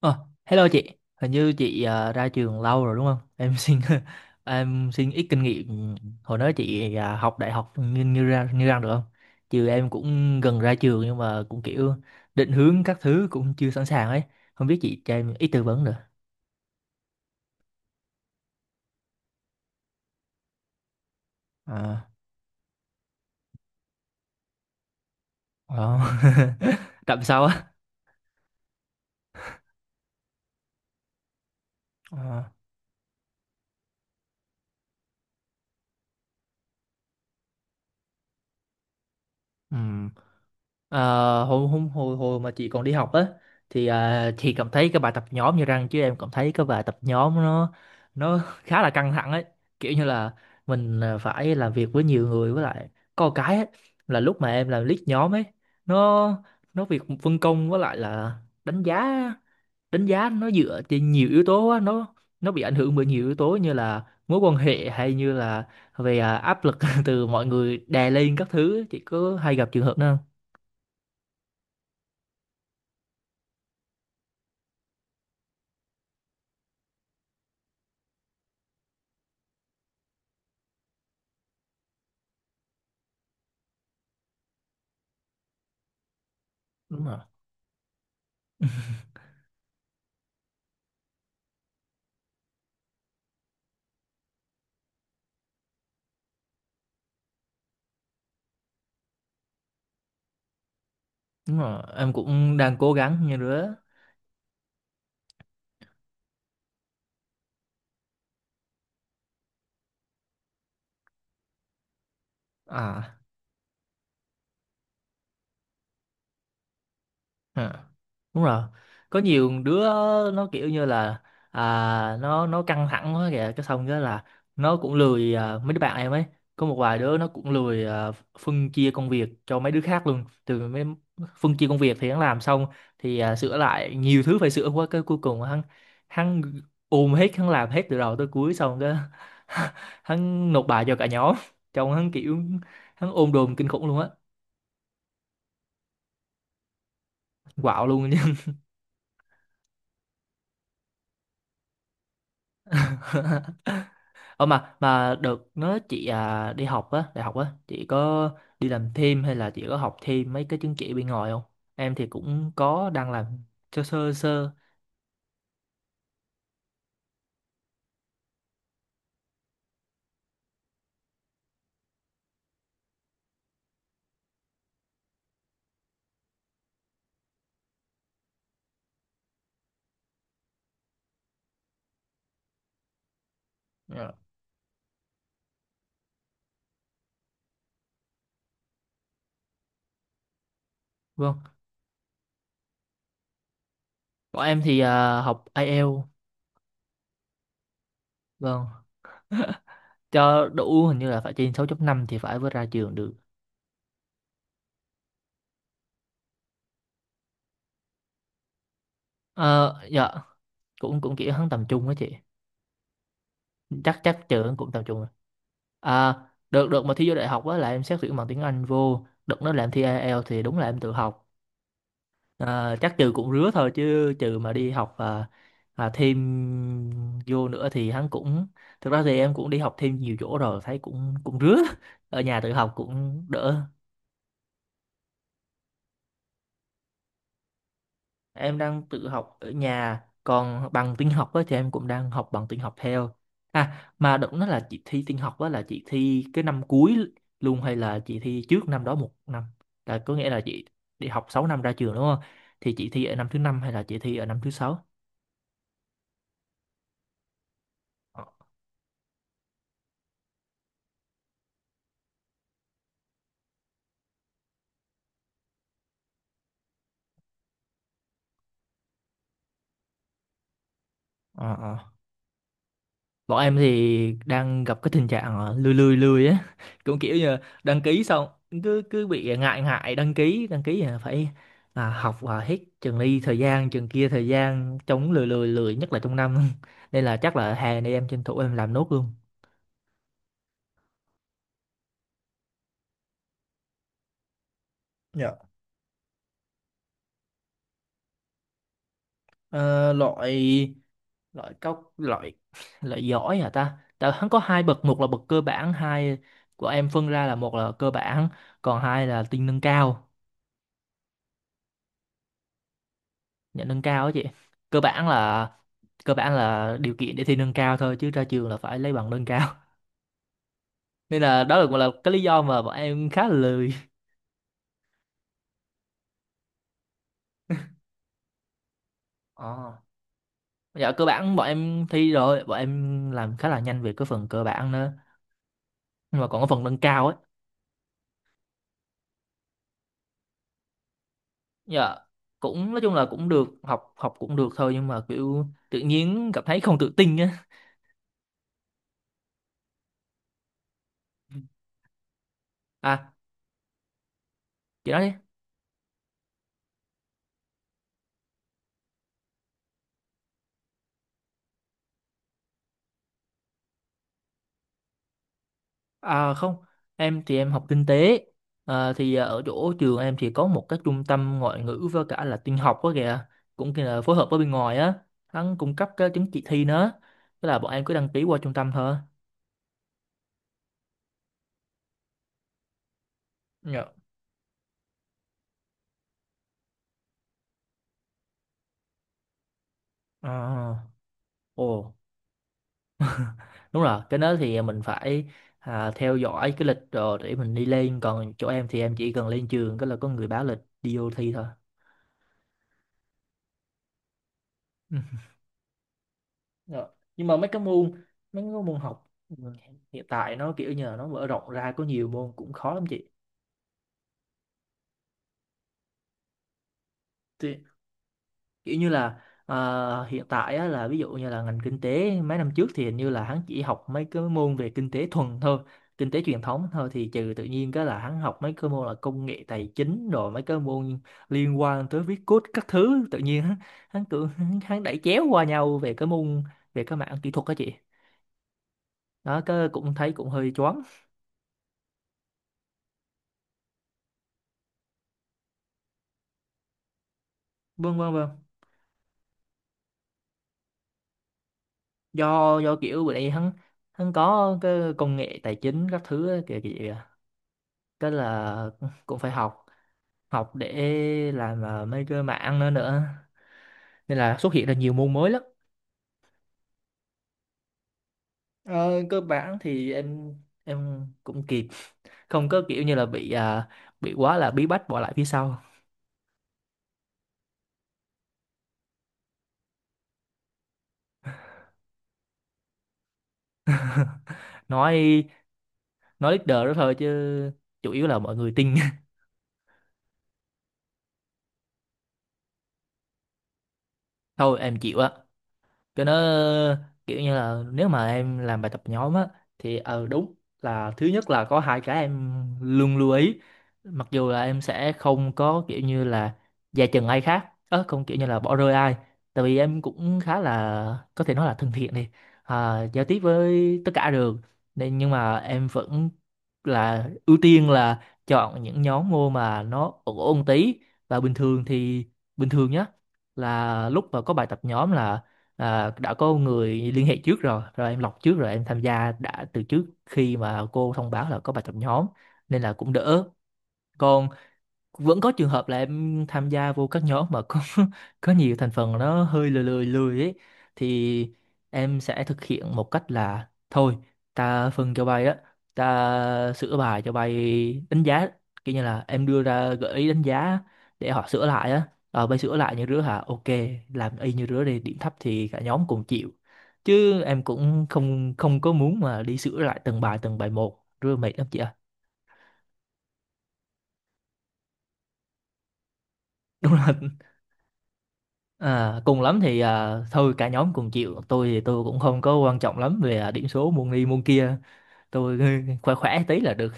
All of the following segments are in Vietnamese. Ờ, Hello chị, hình như chị ra trường lâu rồi đúng không? Em xin em xin ít kinh nghiệm hồi đó chị học đại học như như ra được không? Chứ em cũng gần ra trường nhưng mà cũng kiểu định hướng các thứ cũng chưa sẵn sàng ấy, không biết chị cho em ít tư vấn được. À, đó. Tạm sau á. À, ừ. Ờ, hồi, hôm hồi hồi mà chị còn đi học á thì chị cảm thấy cái bài tập nhóm như răng chứ em cảm thấy cái bài tập nhóm nó khá là căng thẳng ấy, kiểu như là mình phải làm việc với nhiều người, với lại có một cái ấy, là lúc mà em làm lead nhóm ấy, nó nó việc phân công với lại là đánh giá đánh giá nó dựa trên nhiều yếu tố á, nó bị ảnh hưởng bởi nhiều yếu tố như là mối quan hệ hay như là về áp lực từ mọi người đè lên các thứ, chị có hay gặp trường hợp đó không? Đúng. Đúng rồi, em cũng đang cố gắng như đứa. À, à đúng rồi, có nhiều đứa nó kiểu như là nó căng thẳng quá kìa, cái xong cái là nó cũng lười, mấy đứa bạn em ấy, có một vài đứa nó cũng lười, phân chia công việc cho mấy đứa khác luôn, từ mấy phân chia công việc thì hắn làm xong thì sửa lại nhiều thứ phải sửa quá, cái cuối cùng hắn hắn ôm hết, hắn làm hết từ đầu tới cuối, xong cái hắn nộp bài cho cả nhóm, trông hắn kiểu hắn ôm đồm kinh khủng luôn á, quạo luôn nhưng mà Ờ mà được, nói chị đi học á, đại học á, chị có đi làm thêm hay là chị có học thêm mấy cái chứng chỉ bên ngoài không? Em thì cũng có đang làm sơ sơ sơ. Dạ. Vâng. Bọn em thì học IELTS, vâng. Cho đủ hình như là phải trên sáu chấm năm thì phải mới ra trường được. Ờ dạ, cũng cũng kiểu hắn tầm trung á chị. Chắc chắc trường cũng tầm trung rồi. À, được đợt mà thi vô đại học á là em xét tuyển bằng tiếng Anh vô, đợt nó làm thi IELTS thì đúng là em tự học. Ờ, chắc trừ cũng rứa thôi, chứ trừ mà đi học và thêm vô nữa thì hắn cũng thực ra thì em cũng đi học thêm nhiều chỗ rồi, thấy cũng cũng rứa, ở nhà tự học cũng đỡ. Em đang tự học ở nhà, còn bằng tin học á thì em cũng đang học bằng tin học theo. À mà động nó là chị thi tin học á, là chị thi cái năm cuối luôn hay là chị thi trước năm đó một năm? Là có nghĩa là chị đi học 6 năm ra trường đúng không, thì chị thi ở năm thứ năm hay là chị thi ở năm thứ sáu? Ờ ờ. Bọn em thì đang gặp cái tình trạng lười lười lười á, cũng kiểu như đăng ký xong cứ cứ bị ngại ngại đăng ký, đăng ký là phải học, hết trường này thời gian trường kia, thời gian chống lười lười lười nhất là trong năm, nên là chắc là hè này em tranh thủ em làm nốt luôn. Dạ. Ờ, loại loại cao, loại loại giỏi hả ta, tại hắn có hai bậc, một là bậc cơ bản, hai của em phân ra là một là cơ bản còn hai là tinh nâng cao. Nhận nâng cao á chị, cơ bản là cơ bản là điều kiện để thi nâng cao thôi, chứ ra trường là phải lấy bằng nâng cao. Nên là đó là cũng là cái lý do mà bọn em khá là lười. Ờ. Dạ cơ bản bọn em thi rồi, bọn em làm khá là nhanh về cái phần cơ bản nữa, nhưng mà còn cái phần nâng cao ấy, dạ cũng nói chung là cũng được, học học cũng được thôi, nhưng mà kiểu tự nhiên cảm thấy không tự tin á. À chị nói đi. À không, em thì em học kinh tế. À, thì ở chỗ trường em thì có một cái trung tâm ngoại ngữ với cả là tin học đó kìa. Cũng kia là phối hợp với bên ngoài á. Hắn cung cấp cái chứng chỉ thi nữa. Tức là bọn em cứ đăng ký qua trung tâm thôi. Dạ. À, ồ, đúng rồi. Cái đó thì mình phải theo dõi cái lịch rồi để mình đi lên. Còn chỗ em thì em chỉ cần lên trường, cái là có người báo lịch đi vô thi thôi. Ừ. Rồi. Nhưng mà mấy cái môn học, hiện tại nó kiểu như là nó mở rộng ra có nhiều môn cũng khó lắm chị. Thì, kiểu như là hiện tại á, là ví dụ như là ngành kinh tế mấy năm trước thì hình như là hắn chỉ học mấy cái môn về kinh tế thuần thôi, kinh tế truyền thống thôi, thì trừ tự nhiên cái là hắn học mấy cái môn là công nghệ tài chính, rồi mấy cái môn liên quan tới viết code các thứ, tự nhiên hắn hắn cứ hắn hắn đẩy chéo qua nhau về cái môn, về cái mảng kỹ thuật đó chị. Đó cái cũng thấy cũng hơi choáng. Vâng vâng vâng Do kiểu bữa nay hắn hắn có cái công nghệ tài chính các thứ á, kìa kìa cái là cũng phải học, học để làm mấy cái mảng nữa nữa nên là xuất hiện ra nhiều môn mới lắm. Ờ, cơ bản thì em cũng kịp, không có kiểu như là bị bị quá là bí bách bỏ lại phía sau. Nói nói leader đó thôi chứ chủ yếu là mọi người tin. Thôi em chịu á cho nó kiểu như là, nếu mà em làm bài tập nhóm á thì ờ đúng là thứ nhất là có hai cái em luôn lưu ý, mặc dù là em sẽ không có kiểu như là dè chừng ai khác, ớ không kiểu như là bỏ rơi ai, tại vì em cũng khá là có thể nói là thân thiện đi, giao tiếp với tất cả được, nên nhưng mà em vẫn là ưu tiên là chọn những nhóm môn mà nó ổn ổn tí. Và bình thường nhá, là lúc mà có bài tập nhóm là đã có người liên hệ trước rồi rồi em lọc trước, rồi em tham gia đã từ trước khi mà cô thông báo là có bài tập nhóm, nên là cũng đỡ. Còn vẫn có trường hợp là em tham gia vô các nhóm mà có có nhiều thành phần nó hơi lười lười lười ấy, thì em sẽ thực hiện một cách là thôi, ta phân cho bay đó, ta sửa bài cho bay, đánh giá kiểu như là em đưa ra gợi ý đánh giá để họ sửa lại á, ờ bay sửa lại như rứa hả, ok làm y như rứa đi, điểm thấp thì cả nhóm cùng chịu, chứ em cũng không không có muốn mà đi sửa lại từng bài một, rứa mệt lắm chị ạ. Đúng là, À, cùng lắm thì thôi cả nhóm cùng chịu, tôi thì tôi cũng không có quan trọng lắm về điểm số môn này môn kia, tôi khỏe khỏe tí là được.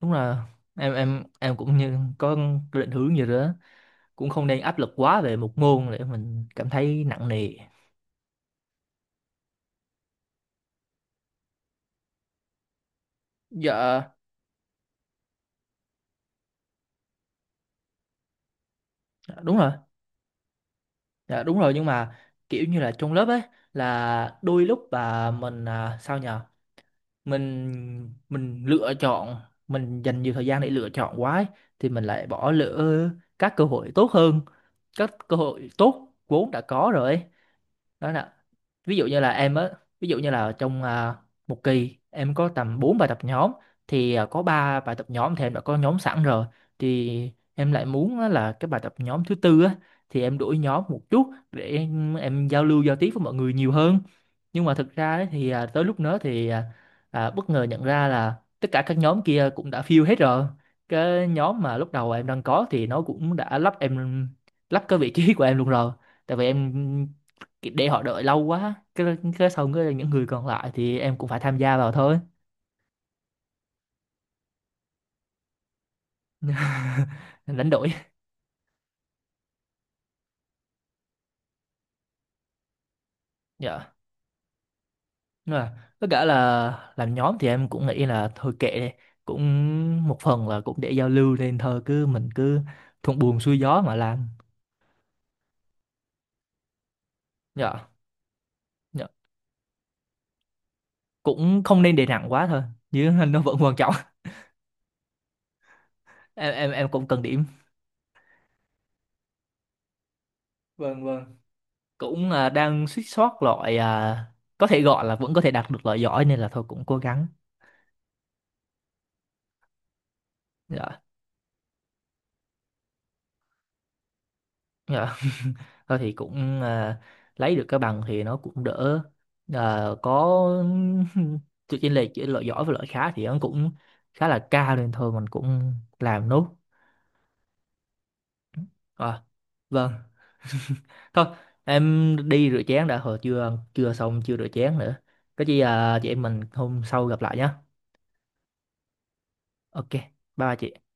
Đúng là em cũng như có định hướng như đó, cũng không nên áp lực quá về một môn để mình cảm thấy nặng nề. dạ đúng rồi dạ đúng rồi, nhưng mà kiểu như là trong lớp ấy, là đôi lúc mà mình sao nhờ, mình lựa chọn, mình dành nhiều thời gian để lựa chọn quá ấy, thì mình lại bỏ lỡ các cơ hội tốt hơn, các cơ hội tốt vốn đã có rồi ấy. Đó là ví dụ như là em á, ví dụ như là trong một kỳ em có tầm 4 bài tập nhóm, thì có 3 bài tập nhóm thì em đã có nhóm sẵn rồi, thì em lại muốn á là cái bài tập nhóm thứ tư á, thì em đổi nhóm một chút để em giao lưu giao tiếp với mọi người nhiều hơn, nhưng mà thực ra ấy, thì tới lúc đó thì bất ngờ nhận ra là tất cả các nhóm kia cũng đã fill hết rồi, cái nhóm mà lúc đầu em đang có thì nó cũng đã lắp cái vị trí của em luôn rồi, tại vì em để họ đợi lâu quá, cái xong cái những người còn lại thì em cũng phải tham gia vào thôi. Đánh đổi. Dạ. Nhưng mà tất cả là làm nhóm thì em cũng nghĩ là thôi kệ đi, cũng một phần là cũng để giao lưu nên thôi mình cứ thuận buồm xuôi gió mà làm. Dạ. Dạ cũng không nên để nặng quá thôi, chứ nó vẫn quan trọng, em cũng cần điểm. Vâng vâng, cũng đang suýt soát loại có thể gọi là vẫn có thể đạt được loại giỏi nên là thôi cũng cố gắng. Dạ. Dạ thôi thì cũng lấy được cái bằng thì nó cũng đỡ. À, có sự chênh lệch giữa loại giỏi và loại khá thì nó cũng khá là cao nên thôi mình cũng làm nốt. À, vâng. Thôi em đi rửa chén đã, hồi chưa chưa xong chưa rửa chén nữa, có gì chị em mình hôm sau gặp lại nhé. Ok bye, bye chị.